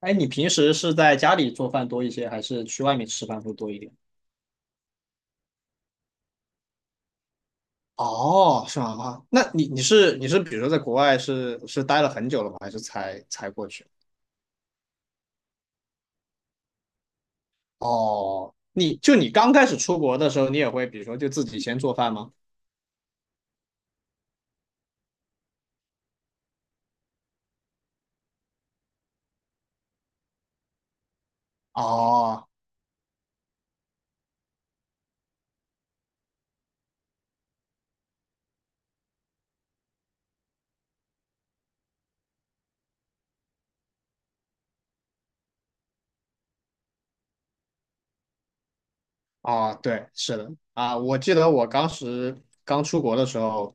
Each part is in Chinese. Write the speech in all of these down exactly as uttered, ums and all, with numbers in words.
哎，你平时是在家里做饭多一些，还是去外面吃饭会多一点？哦，是吗？啊，那你你是你是比如说在国外是是待了很久了吗？还是才才过去？哦，你就你刚开始出国的时候，你也会比如说就自己先做饭吗？哦，啊，对，是的，啊，我记得我当时刚出国的时候，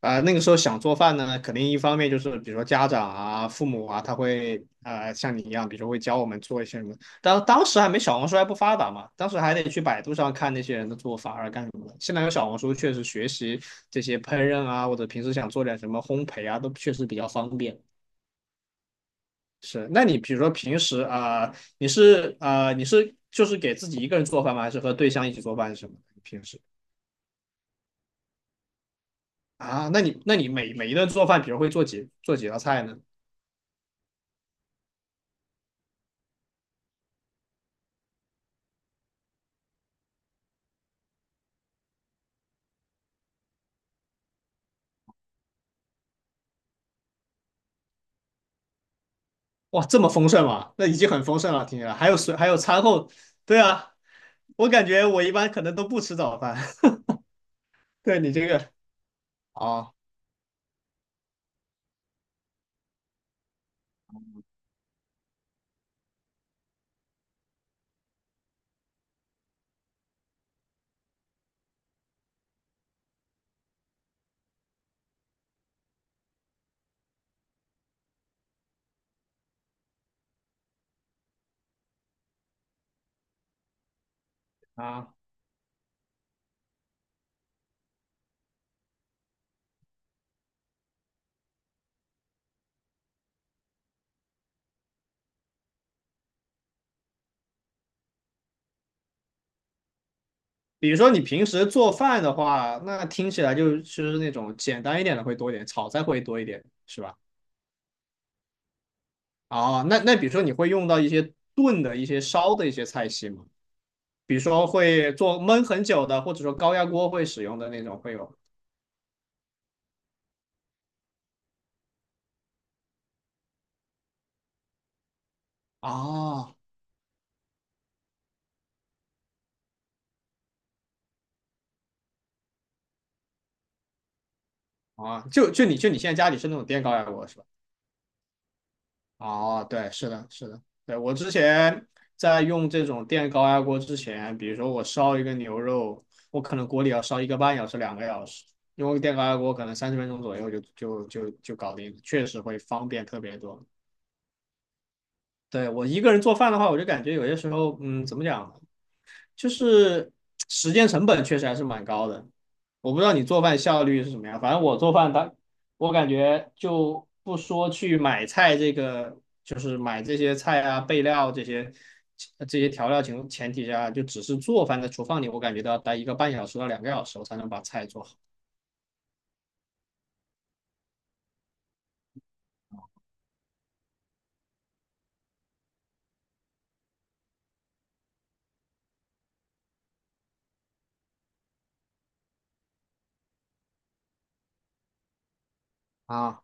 呃，那个时候想做饭呢，肯定一方面就是比如说家长啊、父母啊，他会呃像你一样，比如说会教我们做一些什么，当当时还没小红书还不发达嘛，当时还得去百度上看那些人的做法啊干什么的。现在有小红书，确实学习这些烹饪啊，或者平时想做点什么烘焙啊，都确实比较方便。是，那你比如说平时啊、呃你是啊、呃你是就是给自己一个人做饭吗？还是和对象一起做饭是什么平时？啊，那你那你每每一顿做饭，比如会做几做几道菜呢？哇，这么丰盛吗？那已经很丰盛了，听起来还有水，还有餐后，对啊，我感觉我一般可能都不吃早饭。对你这个，啊啊，比如说你平时做饭的话，那听起来就是那种简单一点的会多一点，炒菜会多一点，是吧？哦，那那比如说你会用到一些炖的一些烧的一些菜系吗？比如说会做焖很久的，或者说高压锅会使用的那种会有。哦，啊，就就你就你现在家里是那种电高压锅是吧？哦，对，是的，是的，对，我之前在用这种电高压锅之前，比如说我烧一个牛肉，我可能锅里要烧一个半小时、两个小时，用电高压锅可能三十分钟左右就就就就搞定了确实会方便特别多。对，我一个人做饭的话，我就感觉有些时候，嗯，怎么讲？就是时间成本确实还是蛮高的。我不知道你做饭效率是什么样，反正我做饭它，我感觉就不说去买菜这个，就是买这些菜啊、备料这些呃这些调料前前提下，就只是做饭在厨房里，我感觉都要待一个半小时到两个小时，我才能把菜做好啊。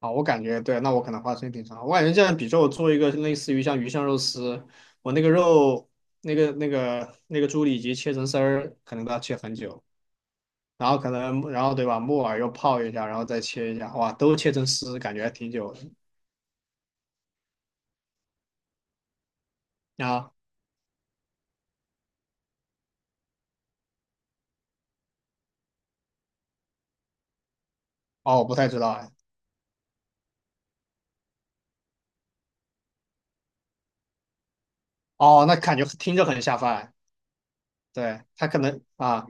啊，我感觉对，那我可能花时间挺长。我感觉这样，比如说我做一个类似于像鱼香肉丝，我那个肉。那个、那个、那个猪里脊切成丝儿，可能都要切很久。然后可能然后对吧，木耳又泡一下，然后再切一下，哇，都切成丝，感觉还挺久的啊。哦，我不太知道哎。哦，那感觉听着很下饭。对，他可能啊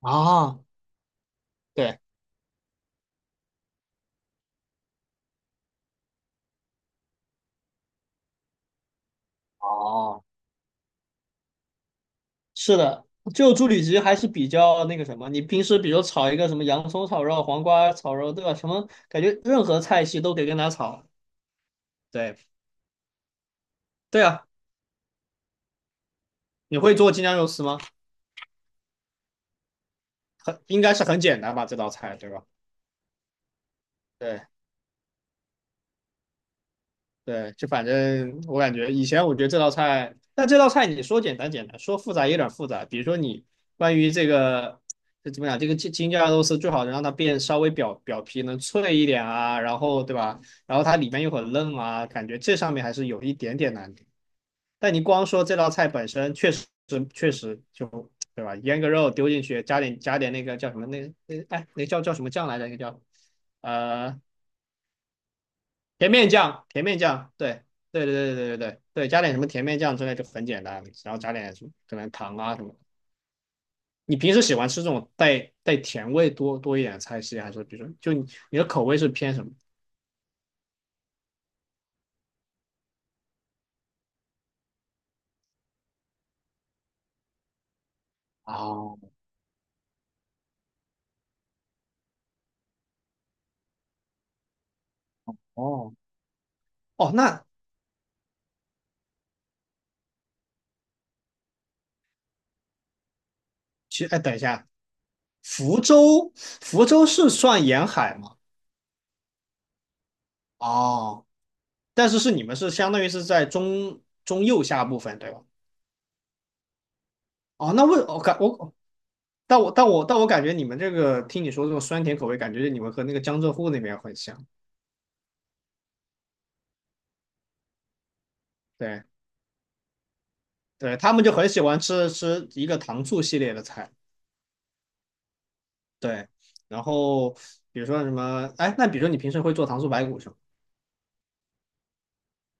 啊，对，哦，是的，就猪里脊还是比较那个什么，你平时比如炒一个什么洋葱炒肉、黄瓜炒肉，对吧？什么感觉任何菜系都得跟它炒。对对啊，你会做京酱肉丝吗？很应该是很简单吧，这道菜对吧？对。对，就反正我感觉以前我觉得这道菜，但这道菜你说简单简单，说复杂也有点复杂。比如说你关于这个，这怎么讲？这个京京酱肉丝最好能让它变稍微表表皮能脆一点啊，然后对吧？然后它里面又很嫩啊，感觉这上面还是有一点点难度。但你光说这道菜本身，确实确实就对吧？腌个肉丢进去，加点加点那个叫什么那那哎那叫叫什么酱来着？那个叫呃甜面酱，甜面酱，对，对对对对对对对，加点什么甜面酱之类就很简单，然后加点什么可能糖啊什么的你平时喜欢吃这种带带甜味多多一点的菜系，还是比如说就你你的口味是偏什么？哦哦哦，那其实哎，等一下，福州福州是算沿海吗？哦，但是是你们是相当于是在中中右下部分对吧？哦，那为我感我但我但我但我感觉你们这个听你说这种酸甜口味，感觉你们和那个江浙沪那边很像。对对，他们就很喜欢吃吃一个糖醋系列的菜。对，然后比如说什么，哎，那比如说你平时会做糖醋排骨是吗？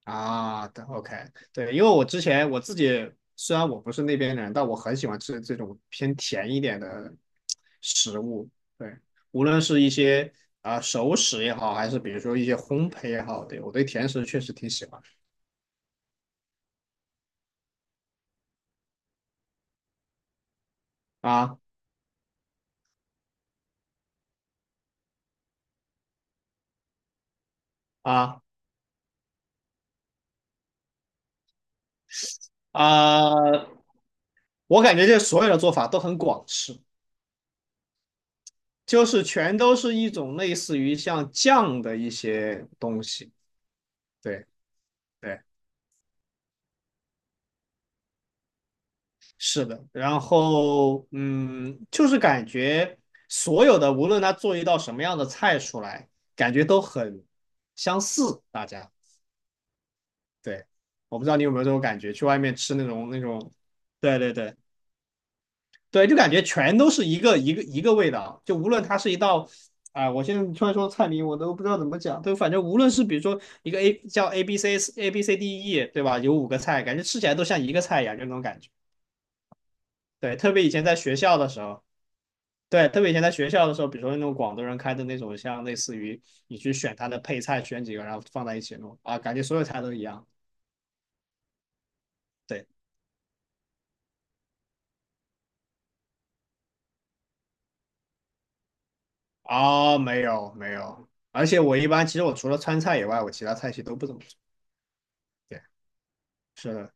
啊，对，OK，对，因为我之前我自己虽然我不是那边人，但我很喜欢吃这种偏甜一点的食物。对，无论是一些啊、熟食也好，还是比如说一些烘焙也好，对，我对甜食确实挺喜欢的啊。啊，啊、我感觉这所有的做法都很广式，就是全都是一种类似于像酱的一些东西。对对，是的。然后嗯，就是感觉所有的无论他做一道什么样的菜出来，感觉都很相似。大家，对，我不知道你有没有这种感觉，去外面吃那种那种，对对对。对，就感觉全都是一个一个一个味道，就无论它是一道，啊、我现在突然说菜名，我都不知道怎么讲，就反正无论是比如说一个 A 叫 A B C A B C D E，对吧？有五个菜，感觉吃起来都像一个菜一样，就那种感觉。对，特别以前在学校的时候，对，特别以前在学校的时候，比如说那种广东人开的那种，像类似于你去选它的配菜，选几个然后放在一起弄啊，感觉所有菜都一样。对，啊、没有没有，而且我一般其实我除了川菜以外，我其他菜系都不怎么吃。对，是的。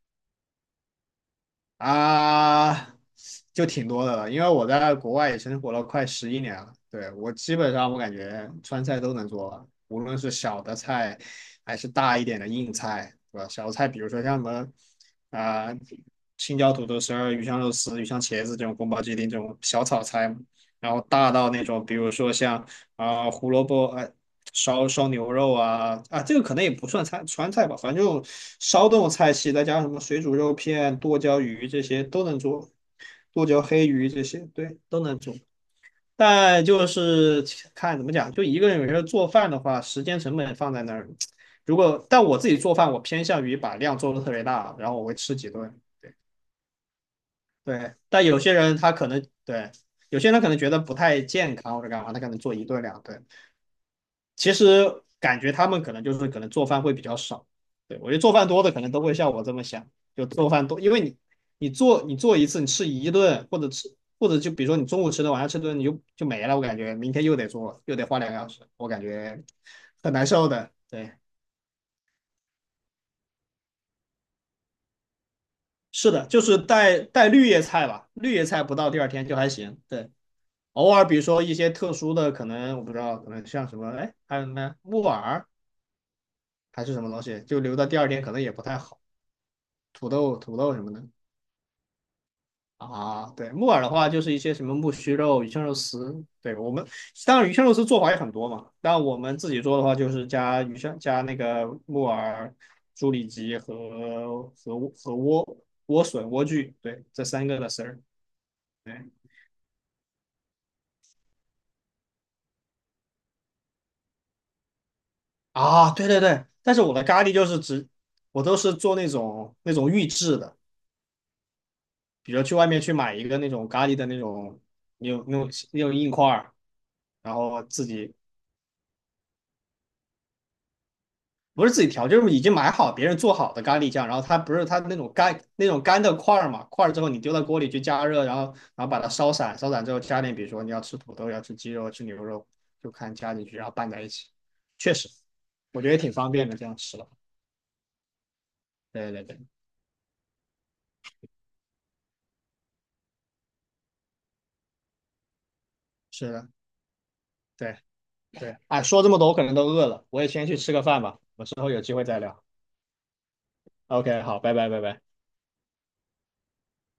啊，就挺多的了，因为我在国外也生活了快十一年了。对，我基本上我感觉川菜都能做了无论是小的菜还是大一点的硬菜，对吧？小菜比如说像什么啊、青椒土豆丝儿、鱼香肉丝、鱼香茄子这种宫保鸡丁这种小炒菜嘛然后大到那种比如说像啊、胡萝卜呃烧烧牛肉啊啊，这个可能也不算菜川菜吧，反正就烧这种菜系，再加上什么水煮肉片、剁椒鱼这些都能做，剁椒黑鱼这些对都能做，但就是看怎么讲，就一个人有时候做饭的话，时间成本放在那儿，如果但我自己做饭，我偏向于把量做的特别大，然后我会吃几顿，对，但有些人他可能对。有些人他可能觉得不太健康或者干嘛，他可能做一顿两顿，其实感觉他们可能就是可能做饭会比较少，对我觉得做饭多的可能都会像我这么想，就做饭多，因为你你做你做一次你吃一顿或者吃或者就比如说你中午吃的晚上吃顿你就就没了，我感觉明天又得做又得花两个小时，我感觉很难受的。对，是的，就是带带绿叶菜吧，绿叶菜不到第二天就还行，对。偶尔，比如说一些特殊的，可能我不知道，可能像什么，哎，还有什么木耳还是什么东西，就留到第二天可能也不太好。土豆、土豆什么的啊。对，木耳的话就是一些什么木须肉、鱼香肉丝。对我们当然鱼香肉丝做法也很多嘛，但我们自己做的话就是加鱼香、加那个木耳、猪里脊和和和莴莴笋、莴苣，对，这三个的丝儿。对啊，对对对，但是我的咖喱就是只我都是做那种那种预制的，比如去外面去买一个那种咖喱的那种，那种那种那种硬块儿，然后自己不是自己调，就是已经买好别人做好的咖喱酱，然后它不是它那种干那种干的块儿嘛，块儿之后你丢到锅里去加热，然后然后把它烧散，烧散之后加点，比如说你要吃土豆，要吃鸡肉，吃牛肉，就看加进去，然后拌在一起，确实，我觉得也挺方便的，这样吃了。对对对，是的，对对，哎，说这么多我可能都饿了，我也先去吃个饭吧，我们之后有机会再聊。OK，好，拜拜拜拜。